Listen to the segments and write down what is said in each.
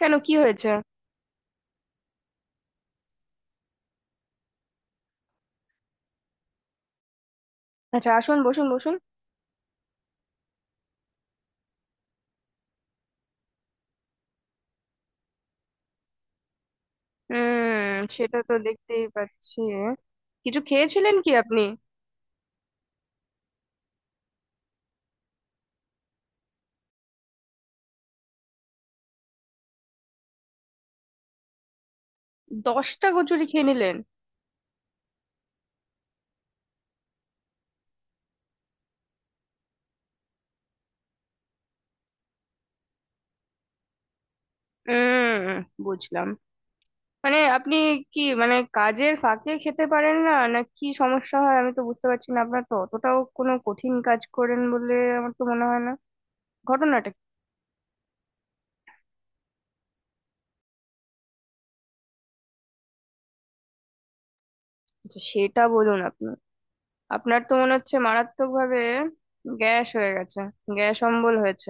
কেন কি হয়েছে? আচ্ছা, আসুন, বসুন বসুন। হুম, সেটা তো দেখতেই পাচ্ছি। কিছু খেয়েছিলেন কি আপনি? 10টা কচুরি খেয়ে নিলেন? হুম, বুঝলাম। মানে আপনি কি, মানে, কাজের ফাঁকে খেতে পারেন না, না কি সমস্যা হয়? আমি তো বুঝতে পারছি না। আপনার তো অতটাও কোনো কঠিন কাজ করেন বলে আমার তো মনে হয় না। ঘটনাটা কি? আচ্ছা, সেটা বলুন আপনি। আপনার তো মনে হচ্ছে মারাত্মক ভাবে গ্যাস হয়ে গেছে, গ্যাস অম্বল হয়েছে।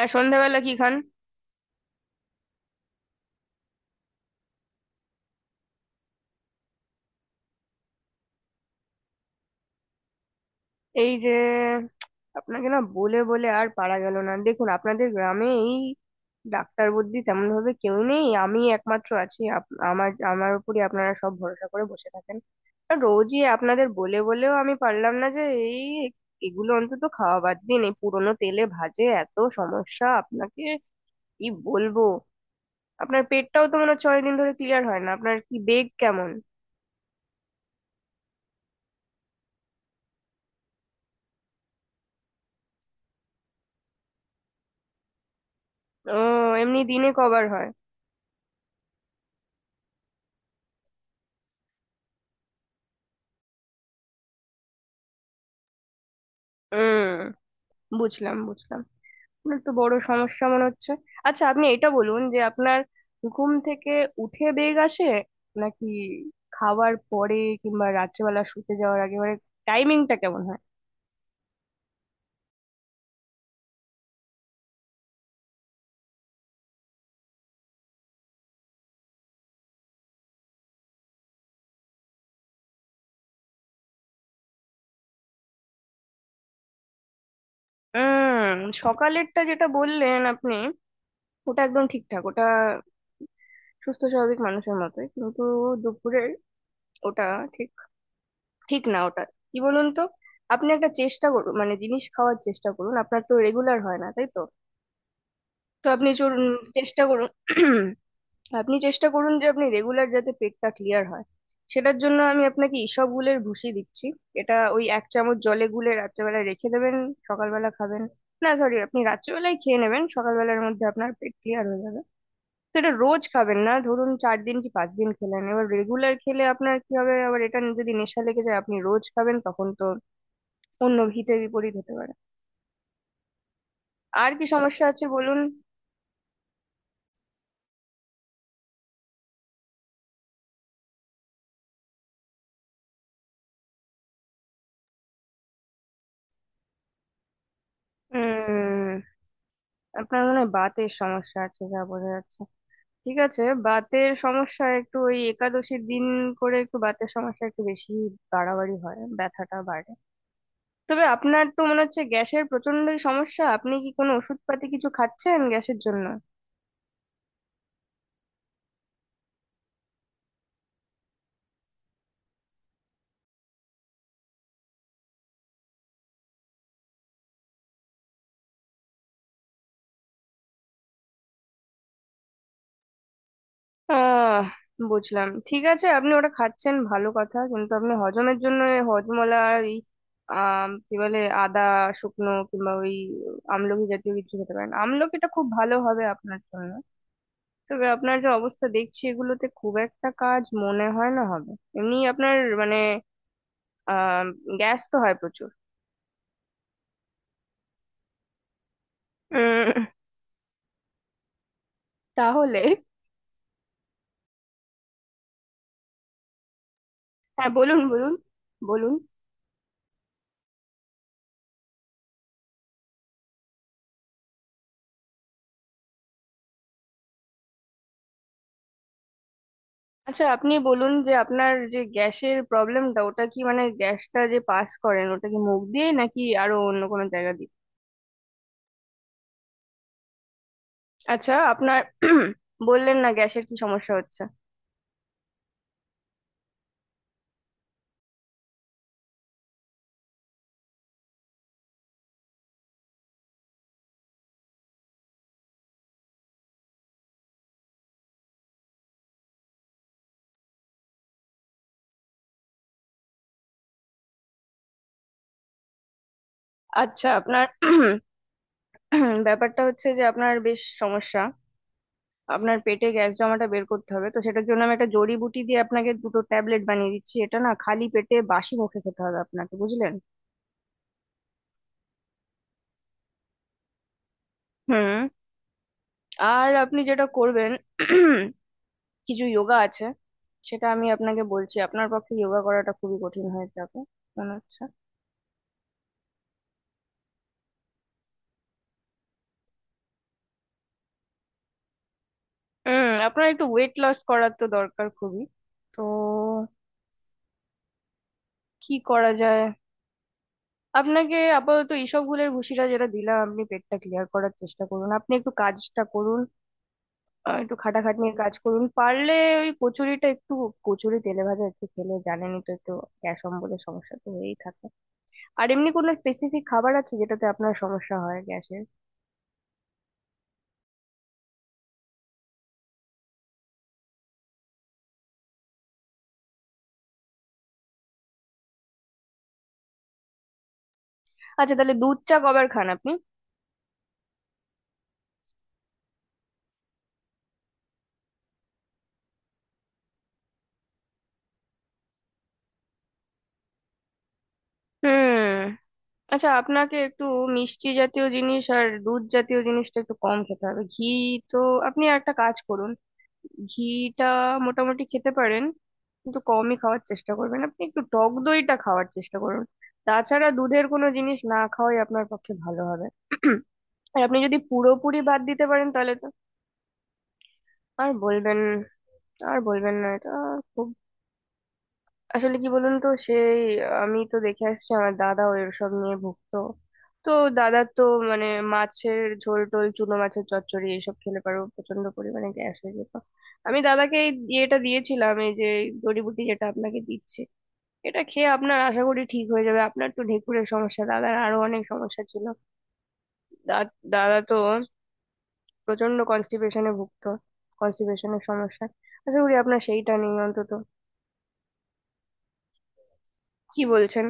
আর সন্ধ্যাবেলা কি খান? এই যে, আপনাকে না বলে বলে আর পারা গেল না। দেখুন, আপনাদের গ্রামে এই ডাক্তার বুদ্ধি তেমন ভাবে কেউ নেই, আমি একমাত্র আছি। আপ- আমার আমার উপরই আপনারা সব ভরসা করে বসে থাকেন। আর রোজই আপনাদের বলে বলেও আমি পারলাম না যে এই এগুলো অন্তত খাওয়া বাদ দিন। এই পুরোনো তেলে ভাজে এত সমস্যা আপনাকে, কি বলবো। আপনার পেটটাও তো মনে হচ্ছে অনেকদিন ধরে ক্লিয়ার হয় না। আপনার কি বেগ কেমন? ও, এমনি দিনে কবার হয়? হুম, বুঝলাম বুঝলাম তাহলে তো বড় সমস্যা মনে হচ্ছে। আচ্ছা আপনি এটা বলুন যে আপনার ঘুম থেকে উঠে বেগ আসে, নাকি খাওয়ার পরে, কিংবা রাত্রেবেলা শুতে যাওয়ার আগে? মানে টাইমিংটা কেমন হয়? উম, সকালেরটা যেটা বললেন আপনি, ওটা একদম ঠিকঠাক। ওটা সুস্থ স্বাভাবিক মানুষের মতোই। কিন্তু দুপুরের ওটা ঠিক ঠিক না ওটা, কি বলুন তো। আপনি একটা চেষ্টা করুন, মানে জিনিস খাওয়ার চেষ্টা করুন। আপনার তো রেগুলার হয় না, তাই তো? তো আপনি চলুন, চেষ্টা করুন। আপনি চেষ্টা করুন যে আপনি রেগুলার, যাতে পেটটা ক্লিয়ার হয়। সেটার জন্য আমি আপনাকে ইসব গুলের ভুষি দিচ্ছি। এটা ওই এক চামচ জলে গুলে রাত্রেবেলা রেখে দেবেন, সকালবেলা খাবেন। না সরি, আপনি রাত্রেবেলায় খেয়ে নেবেন, সকালবেলার মধ্যে আপনার পেট ক্লিয়ার হয়ে যাবে। তো এটা রোজ খাবেন না, ধরুন চার দিন কি পাঁচ দিন খেলেন। এবার রেগুলার খেলে আপনার কি হবে, আবার এটা যদি নেশা লেগে যায়, আপনি রোজ খাবেন, তখন তো অন্য হিতে বিপরীত হতে পারে। আর কি সমস্যা আছে বলুন। উম, আপনার মনে হয় বাতের সমস্যা আছে, যা বোঝা যাচ্ছে। ঠিক আছে, বাতের সমস্যা একটু ওই একাদশীর দিন করে একটু বাতের সমস্যা একটু বেশি বাড়াবাড়ি হয়, ব্যথাটা বাড়ে। তবে আপনার তো মনে হচ্ছে গ্যাসের প্রচন্ডই সমস্যা। আপনি কি কোনো ওষুধপাতি কিছু খাচ্ছেন গ্যাসের জন্য? আহ বুঝলাম। ঠিক আছে, আপনি ওটা খাচ্ছেন ভালো কথা। কিন্তু আপনি হজমের জন্য এই হজমলা, এই, কি বলে, আদা শুকনো, কিংবা ওই আমলকি জাতীয় কিছু খেতে পারেন। আমলকিটা খুব ভালো হবে আপনার জন্য। তবে আপনার যে অবস্থা দেখছি, এগুলোতে খুব একটা কাজ মনে হয় না হবে। এমনি আপনার, মানে, আহ গ্যাস তো হয় প্রচুর। উম, তাহলে, হ্যাঁ বলুন বলুন। বলুন। আচ্ছা আপনি বলুন যে আপনার যে গ্যাসের প্রবলেমটা, ওটা কি, মানে গ্যাসটা যে পাস করেন, ওটা কি মুখ দিয়ে নাকি আরো অন্য কোনো জায়গা দিয়ে? আচ্ছা আপনার বললেন না গ্যাসের কি সমস্যা হচ্ছে। আচ্ছা, আপনার ব্যাপারটা হচ্ছে যে আপনার বেশ সমস্যা। আপনার পেটে গ্যাস জমাটা বের করতে হবে, তো সেটার জন্য আমি একটা জড়িবুটি দিয়ে আপনাকে দুটো ট্যাবলেট বানিয়ে দিচ্ছি। এটা না, খালি পেটে বাসি মুখে খেতে হবে আপনাকে, বুঝলেন? হুম। আর আপনি যেটা করবেন, কিছু যোগা আছে, সেটা আমি আপনাকে বলছি। আপনার পক্ষে যোগা করাটা খুবই কঠিন হয়ে যাবে মনে হচ্ছে। হুম, আপনার একটু ওয়েট লস করার তো দরকার খুবই। তো কি করা যায়। আপনাকে আপাতত এইসব গুলের ভুসিটা যেটা দিলাম, আপনি পেটটা ক্লিয়ার করার চেষ্টা করুন। আপনি একটু কাজটা করুন, একটু খাটাখাটনির কাজ করুন পারলে। ওই কচুরিটা একটু, কচুরি তেলে ভাজা একটু খেলে জানেনই তো, একটু গ্যাস অম্বলের সমস্যা তো হয়েই থাকে। আর এমনি কোনো স্পেসিফিক খাবার আছে যেটাতে আপনার সমস্যা হয় গ্যাসের? আচ্ছা তাহলে দুধ চা কবার খান আপনি? হুম, আচ্ছা। আপনাকে একটু মিষ্টি জাতীয় জিনিস আর দুধ জাতীয় জিনিসটা একটু কম খেতে হবে। ঘি, তো আপনি একটা কাজ করুন, ঘিটা মোটামুটি খেতে পারেন, কিন্তু কমই খাওয়ার চেষ্টা করবেন। আপনি একটু টক দইটা খাওয়ার চেষ্টা করুন। তাছাড়া দুধের কোনো জিনিস না খাওয়াই আপনার পক্ষে ভালো হবে। আর আপনি যদি পুরোপুরি বাদ দিতে পারেন তাহলে তো। আর বলবেন, আর বলবেন না এটা, খুব। আসলে কি বলুন তো সেই, আমি তো দেখে আসছি আমার দাদা ওই সব নিয়ে ভুগতো। তো দাদা তো, মানে, মাছের ঝোল টোল, চুনো মাছের চচ্চড়ি এইসব খেলে পারো প্রচন্ড পরিমাণে গ্যাস হয়ে যেত। আমি দাদাকে এই ইয়েটা দিয়েছিলাম, এই যে জড়িবুটি যেটা আপনাকে দিচ্ছি, এটা খেয়ে আপনার আশা করি ঠিক হয়ে যাবে। আপনার তো ঢেঁকুরের সমস্যা, দাদার আরো অনেক সমস্যা ছিল। দাদা তো প্রচন্ড কনস্টিপেশনে ভুগতো। কনস্টিপেশনের সমস্যা আশা করি আপনার সেইটা নেই অন্তত। কি বলছেন!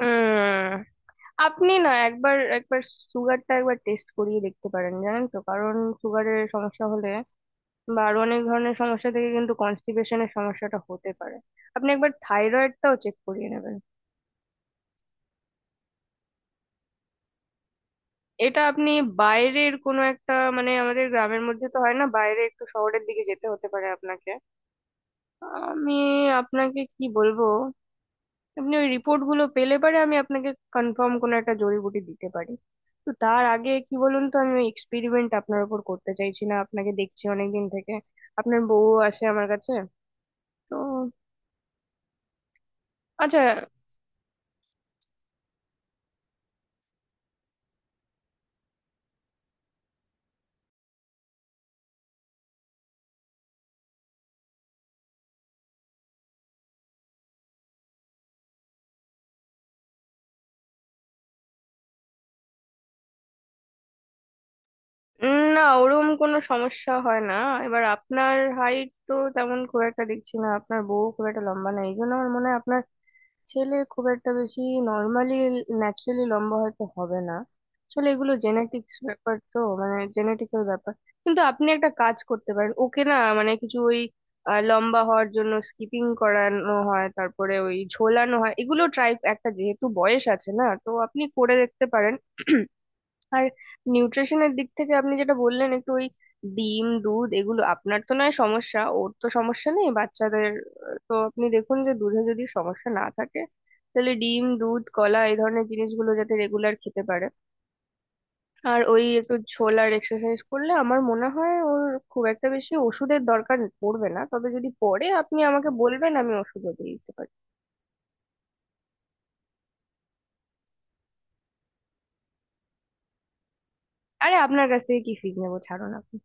উম, আপনি না একবার একবার সুগারটা একবার টেস্ট করিয়ে দেখতে পারেন, জানেন তো, কারণ সুগারের সমস্যা হলে বা আরো অনেক ধরনের সমস্যা থেকে কিন্তু কনস্টিপেশনের সমস্যাটা হতে পারে। আপনি একবার থাইরয়েডটাও চেক করিয়ে নেবেন। এটা আপনি বাইরের কোনো একটা, মানে আমাদের গ্রামের মধ্যে তো হয় না, বাইরে একটু শহরের দিকে যেতে হতে পারে আপনাকে। আমি আপনাকে কি বলবো, আপনি ওই রিপোর্ট গুলো পেলে পরে আমি আপনাকে কনফার্ম কোনো একটা জড়িবুটি দিতে পারি। তো তার আগে কি বলুন তো, আমি এক্সপেরিমেন্ট আপনার উপর করতে চাইছি না। আপনাকে দেখছি অনেকদিন থেকে, আপনার বউ আসে আমার কাছে। তো আচ্ছা। না, ওরম কোনো সমস্যা হয় না। এবার আপনার হাইট তো তেমন খুব একটা দেখছি না, আপনার বউ খুব একটা লম্বা না, এই জন্য আমার মনে হয় আপনার ছেলে খুব একটা বেশি নর্মালি, ন্যাচারালি লম্বা হয়তো হবে না। আসলে এগুলো জেনেটিক্স ব্যাপার তো, মানে জেনেটিক্যাল ব্যাপার। কিন্তু আপনি একটা কাজ করতে পারেন, ওকে না মানে কিছু ওই, লম্বা হওয়ার জন্য স্কিপিং করানো হয়, তারপরে ওই ঝোলানো হয়, এগুলো ট্রাই একটা, যেহেতু বয়স আছে না, তো আপনি করে দেখতে পারেন। আর নিউট্রিশনের দিক থেকে আপনি যেটা বললেন, একটু ওই ডিম দুধ এগুলো, আপনার তো নয় সমস্যা, ওর তো সমস্যা নেই বাচ্চাদের। তো আপনি দেখুন যে দুধে যদি সমস্যা না থাকে, তাহলে ডিম দুধ কলা এই ধরনের জিনিসগুলো যাতে রেগুলার খেতে পারে। আর ওই একটু ছোলার এক্সারসাইজ করলে আমার মনে হয় ওর খুব একটা বেশি ওষুধের দরকার পড়বে না। তবে যদি পড়ে, আপনি আমাকে বলবেন, আমি ওষুধও দিয়ে দিতে পারি। আরে আপনার কাছ থেকে কি ফিজ নেবো, ছাড়ুন আপনি।